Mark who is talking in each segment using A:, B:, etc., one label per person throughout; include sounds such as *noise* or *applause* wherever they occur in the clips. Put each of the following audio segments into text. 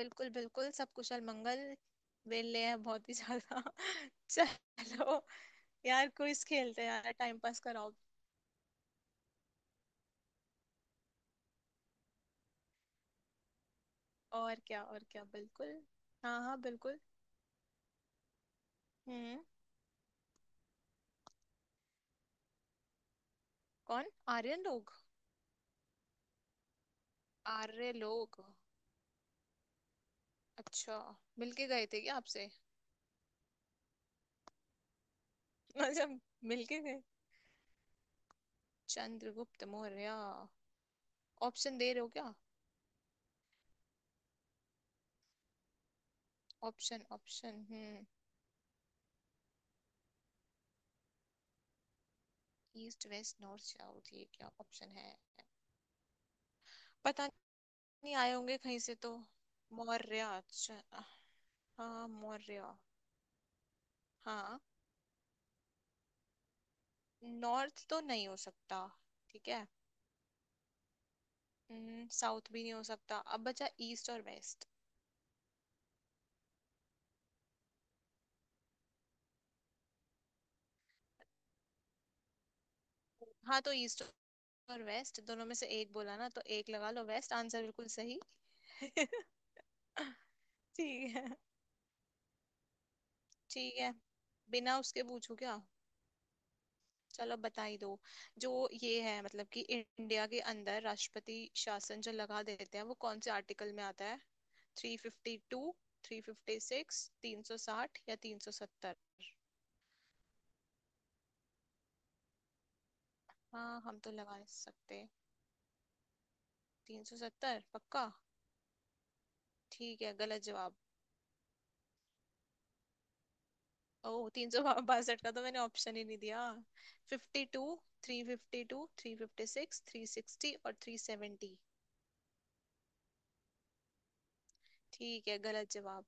A: बिल्कुल बिल्कुल, सब कुशल मंगल। वेले हैं बहुत ही ज्यादा। *laughs* चलो यार, क्विज खेलते हैं। यार टाइम पास कराओ। और क्या, और क्या, बिल्कुल। हाँ हाँ, बिल्कुल। हम्म कौन? आर्यन लोग? आर्य लोग, अच्छा। मिलके गए थे क्या आपसे? *laughs* अच्छा, मिलके गए। चंद्रगुप्त मौर्य। ऑप्शन दे रहे हो क्या? Option, option. East west north south, ये क्या ऑप्शन है? पता नहीं, आए होंगे कहीं से तो। मौर्य, अच्छा। हाँ, मौर्य। हाँ, नॉर्थ तो नहीं हो सकता। ठीक है। साउथ भी नहीं हो सकता। अब बचा ईस्ट और वेस्ट। हाँ, तो ईस्ट और वेस्ट दोनों में से एक बोला ना, तो एक लगा लो। वेस्ट आंसर बिल्कुल सही। *laughs* ठीक है। ठीक है, बिना उसके पूछू क्या? चलो, बता ही दो। जो ये है, मतलब कि इंडिया के अंदर राष्ट्रपति शासन जो लगा देते हैं, वो कौन से आर्टिकल में आता है? Three fifty two, three fifty six, 360 या 370। हाँ, हम तो लगा नहीं सकते। 370 पक्का। ठीक है, गलत जवाब। ओह, 362 का तो मैंने ऑप्शन ही नहीं दिया। Fifty two, three fifty two, three fifty six, three sixty और थ्री सेवेंटी। ठीक है, गलत जवाब।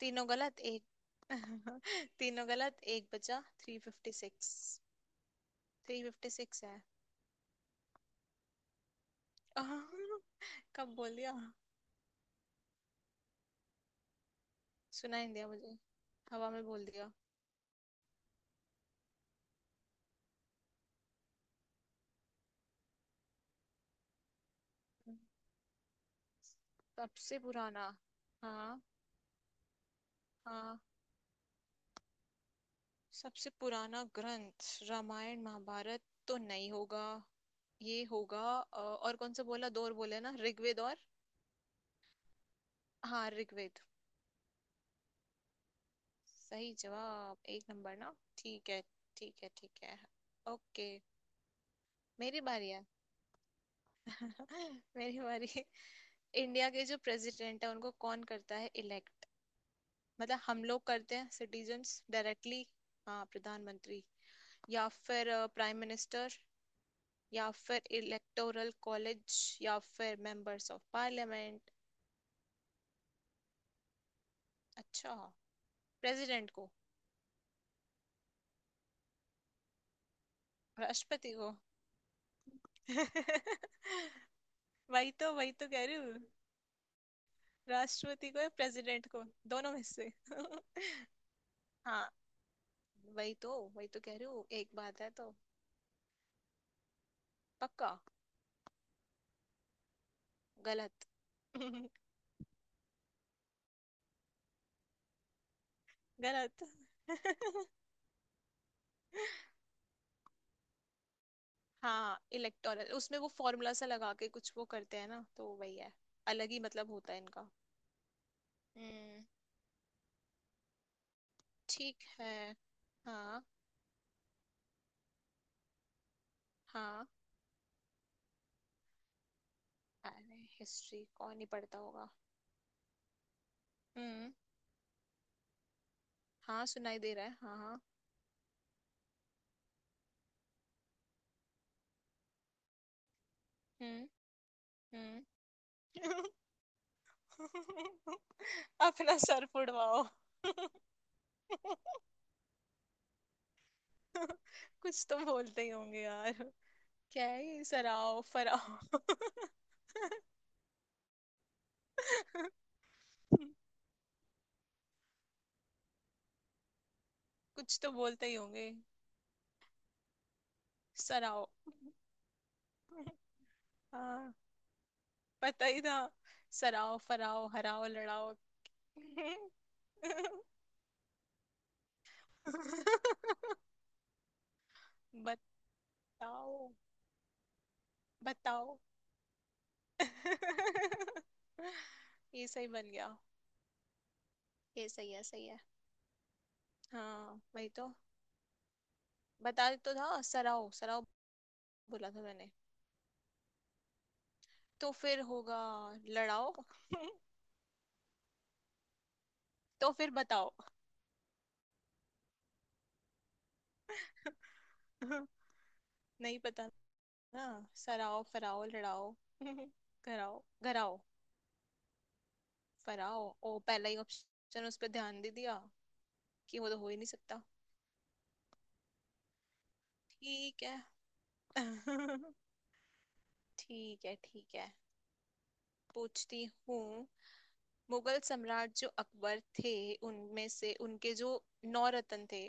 A: तीनों गलत, एक *laughs* तीनों गलत, एक बचा, three fifty six. Three fifty six है। *laughs* कब बोल दिया? सुनाई नहीं दिया मुझे। हवा में बोल दिया। सबसे पुराना? हाँ। हाँ, सबसे पुराना ग्रंथ, रामायण महाभारत तो नहीं होगा। ये होगा। और कौन सा? बोला दो और, बोले ना ऋग्वेद और। हाँ, ऋग्वेद। सही जवाब, एक नंबर ना। ठीक है, ठीक है, ठीक है। ओके, मेरी बारी है। *laughs* मेरी बारी। इंडिया के जो प्रेसिडेंट है, उनको कौन करता है इलेक्ट? मतलब हम लोग करते हैं सिटीजन्स डायरेक्टली, हाँ, प्रधानमंत्री, या फिर प्राइम मिनिस्टर, या फिर इलेक्टोरल कॉलेज, या फिर मेंबर्स ऑफ पार्लियामेंट। अच्छा, प्रेसिडेंट को? राष्ट्रपति को। *laughs* वही तो, वही तो कह रही हूँ। राष्ट्रपति को या प्रेसिडेंट को, दोनों में से। *laughs* हाँ, वही तो, वही तो कह रही हूँ, एक बात है तो। पक्का। गलत। *laughs* गलत। *laughs* हाँ, इलेक्टोरल, उसमें वो फॉर्मूला सा लगा के कुछ वो करते हैं ना, तो वही है। अलग ही मतलब होता है इनका। हम्म ठीक है। हाँ हाँ, अरे हिस्ट्री कौन ही पढ़ता होगा। हम्म हाँ, सुनाई दे रहा है, हाँ हाँ। हम्म। हम्म। *laughs* अपना सर फुड़वाओ। *laughs* कुछ तो बोलते ही होंगे यार। क्या है ये, सराओ फराओ? *laughs* कुछ तो बोलते ही होंगे। सराओ। हाँ, पता ही था। सराओ, फराओ, हराओ, लड़ाओ। *laughs* बताओ। बताओ। *laughs* ये सही बन गया। ये सही है, सही है। हाँ, वही तो। बता तो था, सराओ सराओ बोला था मैंने। तो फिर होगा लड़ाओ। तो फिर बताओ। *laughs* नहीं पता ना। सराओ, फराओ, लड़ाओ। *laughs* घराओ, फराओ ओ, पहला ही ऑप्शन, उस पर ध्यान दे दिया कि वो तो हो ही नहीं सकता। ठीक है। *laughs* ठीक है। ठीक है, पूछती हूँ। मुगल सम्राट जो अकबर थे, उनमें से उनके जो नौ रत्न थे,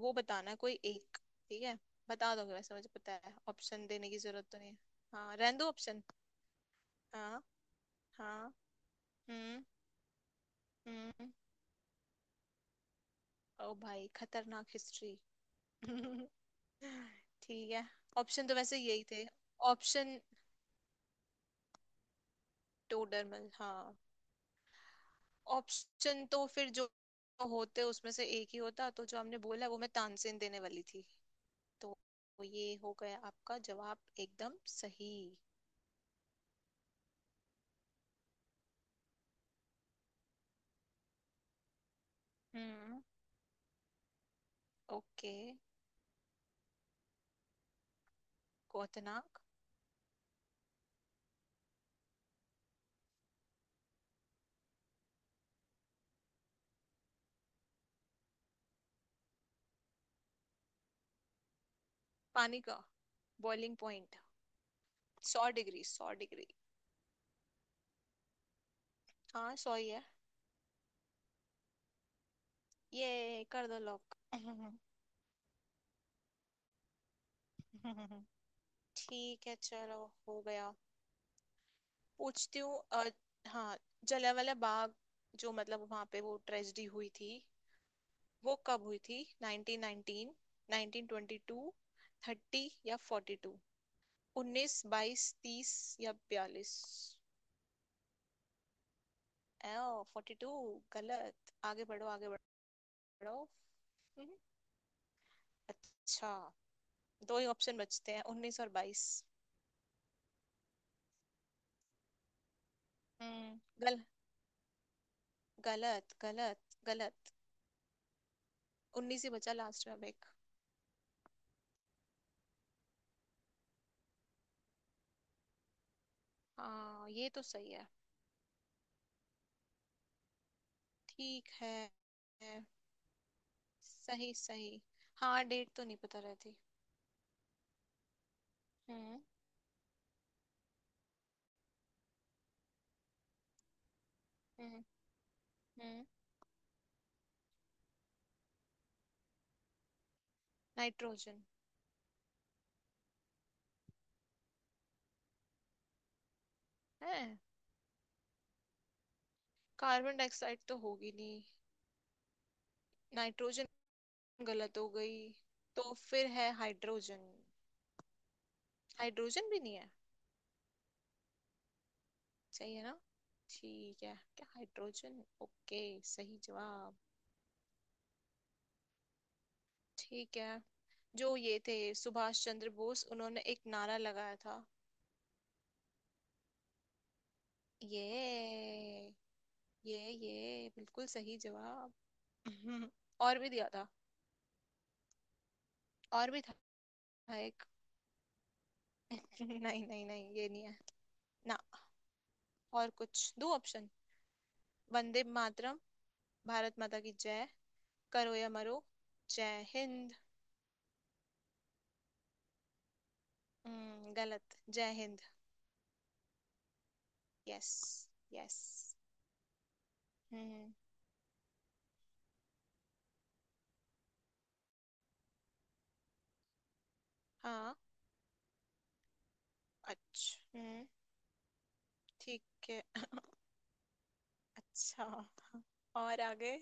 A: वो बताना, कोई एक। ठीक है, बता दोगे वैसे, मुझे पता है, ऑप्शन देने की जरूरत तो नहीं है। हाँ, रहने दो ऑप्शन। हाँ। हाँ। हम्म। हम्म। ओ भाई, खतरनाक हिस्ट्री। *laughs* ठीक है। ऑप्शन तो वैसे यही थे। ऑप्शन डोडरमल, हाँ। ऑप्शन तो फिर जो होते, उसमें से एक ही होता, तो जो हमने बोला, वो मैं तानसेन देने वाली थी। तो ये हो गया आपका जवाब, एकदम सही। हम्म, ओके। क्वथनांक, पानी का बॉइलिंग पॉइंट, 100 डिग्री, सौ डिग्री। हाँ, सौ ही है। ये कर दो लॉक। *laughs* ठीक है, चलो, हो गया। पूछती हूँ। हाँ, जलियांवाला बाग जो, मतलब वहां पे वो ट्रेजेडी हुई थी, वो कब हुई थी? 1919, 1922, 30 या 42? उन्नीस, बाईस, तीस या बयालीस? एओ, फोर्टी टू गलत, आगे बढ़ो, आगे बढ़ो। हम्म, अच्छा, दो ही ऑप्शन बचते हैं, उन्नीस और बाईस। हम्म गल गलत, गलत, गलत। उन्नीस ही बचा, लास्ट में अब एक। हाँ, ये तो सही है। ठीक है, सही सही। हाँ, डेट तो नहीं पता रहती। हम्म। हम्म। हम्म। नाइट्रोजन है। कार्बन डाइऑक्साइड तो होगी नहीं। नाइट्रोजन गलत हो गई। तो फिर है हाइड्रोजन। हाइड्रोजन भी नहीं है? सही है ना? ठीक है, क्या हाइड्रोजन? ओके, सही जवाब। ठीक है। जो ये थे, सुभाष चंद्र बोस, उन्होंने एक नारा लगाया था। ये, ये ये बिल्कुल सही जवाब। *laughs* और भी दिया था, और भी था एक। *laughs* नहीं नहीं नहीं, ये नहीं है ना। और कुछ दो ऑप्शन, वंदे मातरम, भारत माता की जय, करो या मरो, जय हिंद। हम्म, गलत। जय हिंद, यस, यस। हम्म, हाँ, अच्छा। हम्म, ठीक है। अच्छा, और आगे।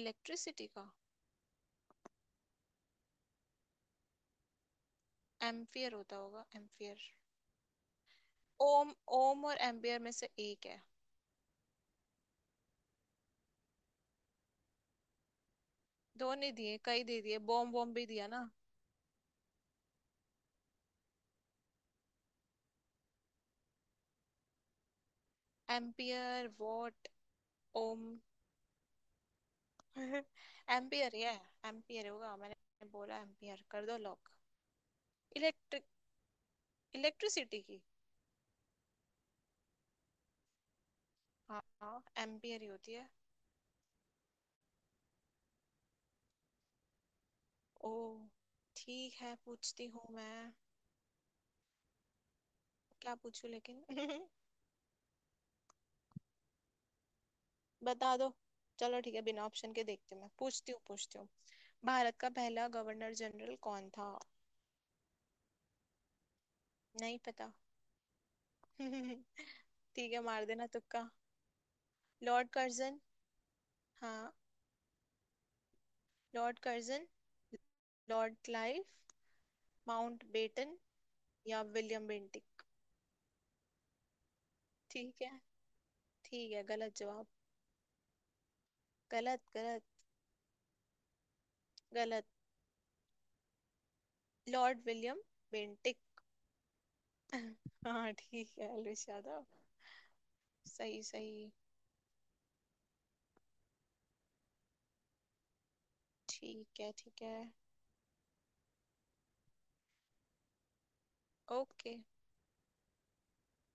A: इलेक्ट्रिसिटी का? एम्पियर होता होगा, एम्पियर। ओम, ओम और एम्पियर में से एक है। दो नहीं दिए, कई दे दिए, बॉम बॉम भी दिया ना। एम्पियर, वॉट, ओम। *laughs* एम्पियर ही है। एम्पियर *laughs* होगा, मैंने बोला एम्पियर, कर दो लॉक। इलेक्ट्रिक इलेक्ट्रिसिटी की, हाँ, एम्पियर ही होती है। ओह, ठीक है, पूछती हूँ मैं। क्या पूछूं लेकिन? *laughs* बता दो। चलो ठीक है, बिना ऑप्शन के देखती हूँ, मैं पूछती हूँ, पूछती हूँ। भारत का पहला गवर्नर जनरल कौन था? नहीं पता। *laughs* ठीक है, मार देना तुक्का। Lord Curzon. हाँ, Lord Curzon, Lord Clive, Mountbatten या विलियम बेंटिक। ठीक है। ठीक है, गलत जवाब। गलत, गलत, गलत। Lord William Bentinck. *laughs* हाँ, ठीक है, अल्विश यादव। सही, सही। ठीक है, ठीक है, ओके।